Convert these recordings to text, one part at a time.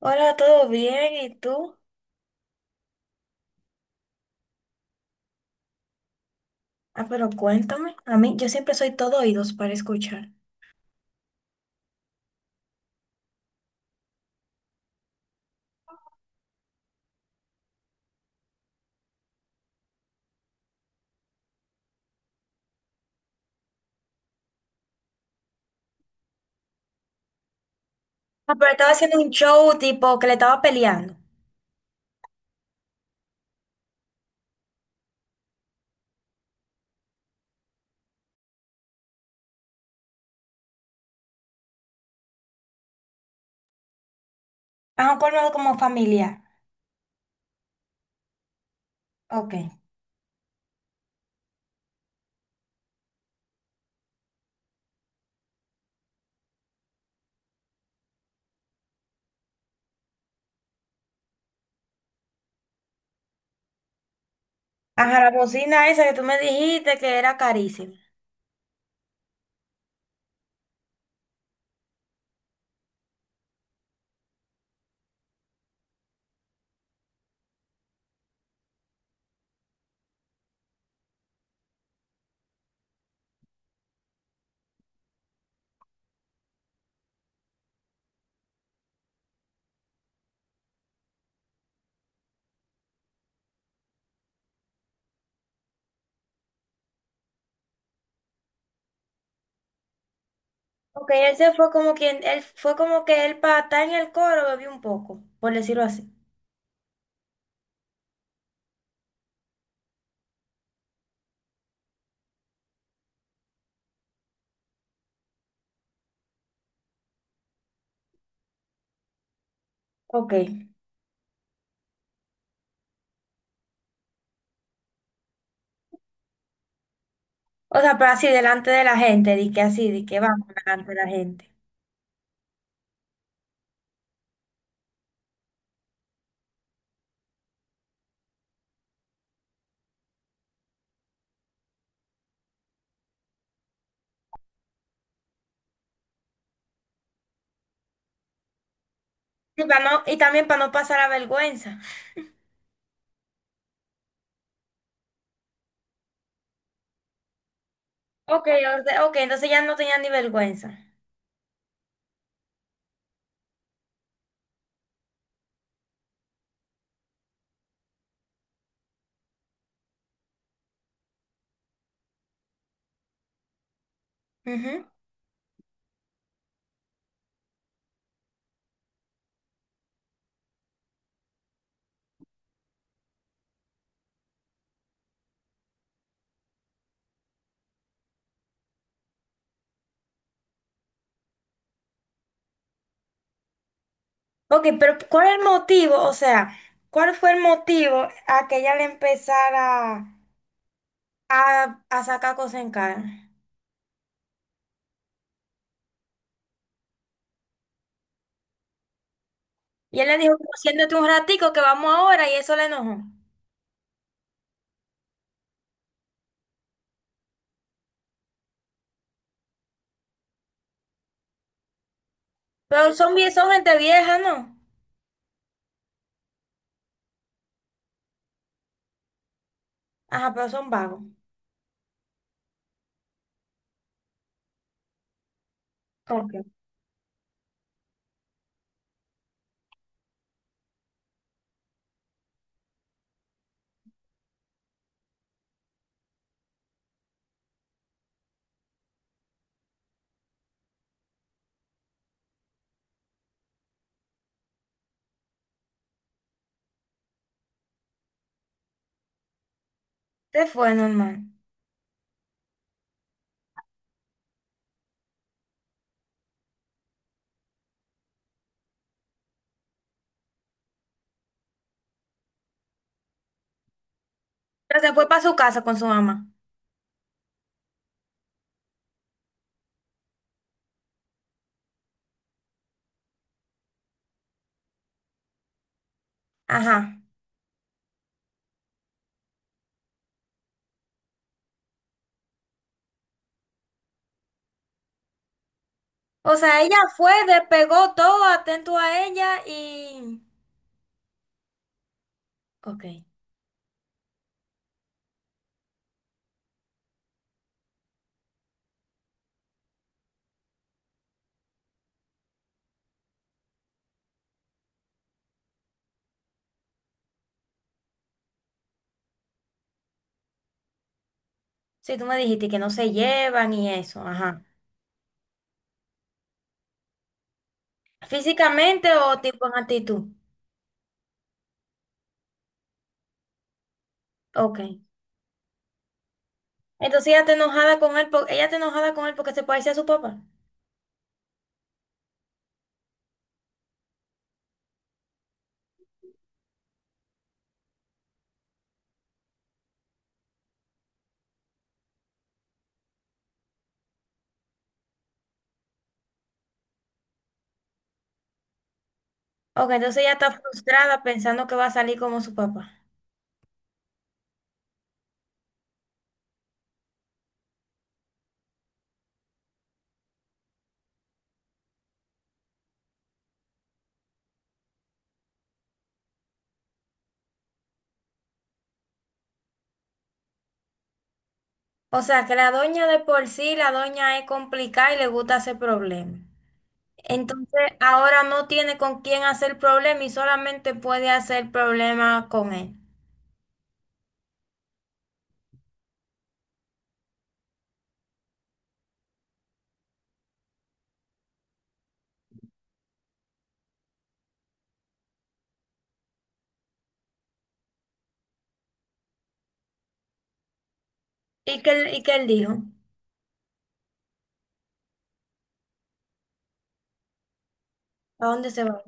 Hola, ¿todo bien? ¿Y tú? Ah, pero cuéntame. A mí, yo siempre soy todo oídos para escuchar. Ah, pero estaba haciendo un show tipo que le estaba peleando. Ajá, un colmado como familiar. Ok. Ajá, la bocina esa que tú me dijiste que era carísima. Ok, él se fue como quien, él fue como que él para estar en el coro bebió un poco, por decirlo así. Ok. O sea, pero así delante de la gente, di que así, di que vamos delante de la gente. Y, para no, y también para no pasar la vergüenza. Ok, o sea, ok, entonces ya no tenía ni vergüenza. Ujú. Ok, pero ¿cuál es el motivo? O sea, ¿cuál fue el motivo a que ella le empezara a sacar cosas en cara? Y él le dijo, "Como, siéntate un ratico que vamos ahora y eso le enojó". Pero son, son gente vieja, ¿no? Ajá, pero son vagos. Ok. Se fue, normal. Pero se fue para su casa con su mamá. Ajá. O sea, ella fue, despegó todo, atento a ella y... Ok. Sí, tú me dijiste que no se llevan y eso, ajá. ¿Físicamente o tipo en actitud? Ok. Entonces ella está enojada con él, ella está enojada con él porque se parece a su papá. Ok, entonces ella está frustrada pensando que va a salir como su papá. O sea, que la doña de por sí, la doña es complicada y le gusta hacer problemas. Entonces ahora no tiene con quién hacer problema y solamente puede hacer problema con él. ¿Y qué, y qué él dijo? ¿A dónde se va?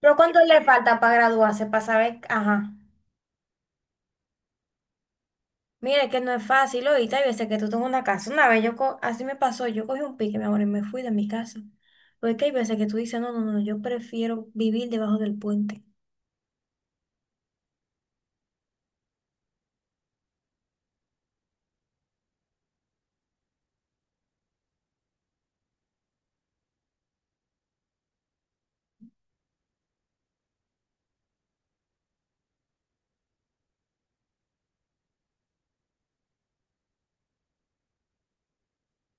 ¿Pero cuánto le falta para graduarse, para saber? Ajá. Mira, es que no es fácil ahorita. Y veces que tú tengo una casa. Una vez yo, así me pasó, yo cogí un pique, mi amor, y me fui de mi casa. Porque que hay veces que tú dices, no, no, no, yo prefiero vivir debajo del puente.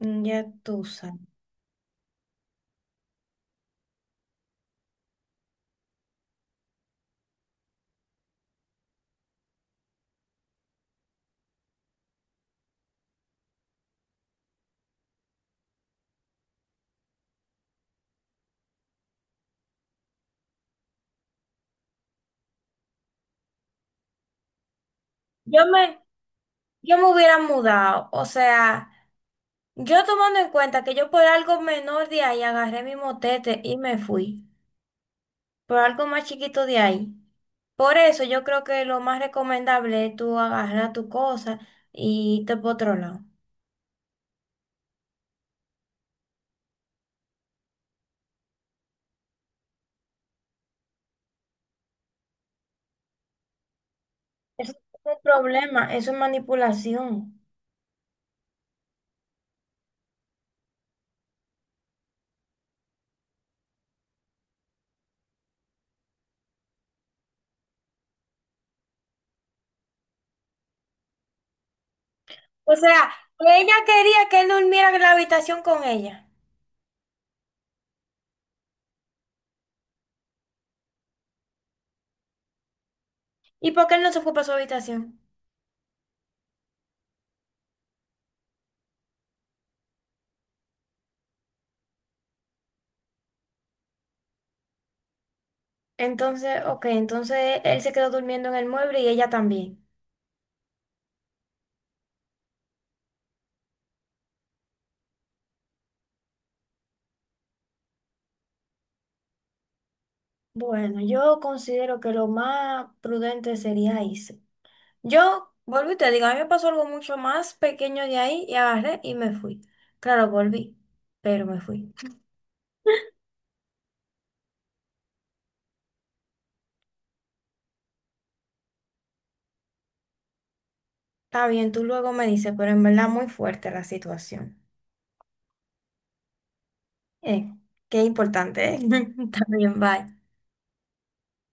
Mm, ya tú sabes. Yo me, yo me hubiera mudado. O sea, yo tomando en cuenta que yo por algo menor de ahí agarré mi motete y me fui. Por algo más chiquito de ahí. Por eso yo creo que lo más recomendable es tú agarrar tu cosa y irte por otro lado. Eso no es un problema, eso es manipulación. O sea, ella quería que él durmiera en la habitación con ella. ¿Y por qué él no se fue para su habitación? Entonces, ok, entonces él se quedó durmiendo en el mueble y ella también. Bueno, yo considero que lo más prudente sería irse. Yo, volví, y te digo, a mí me pasó algo mucho más pequeño de ahí y agarré y me fui. Claro, volví, pero me fui. Está bien, tú luego me dices, pero en verdad muy fuerte la situación. Eh, qué importante, ¿eh? También, bye.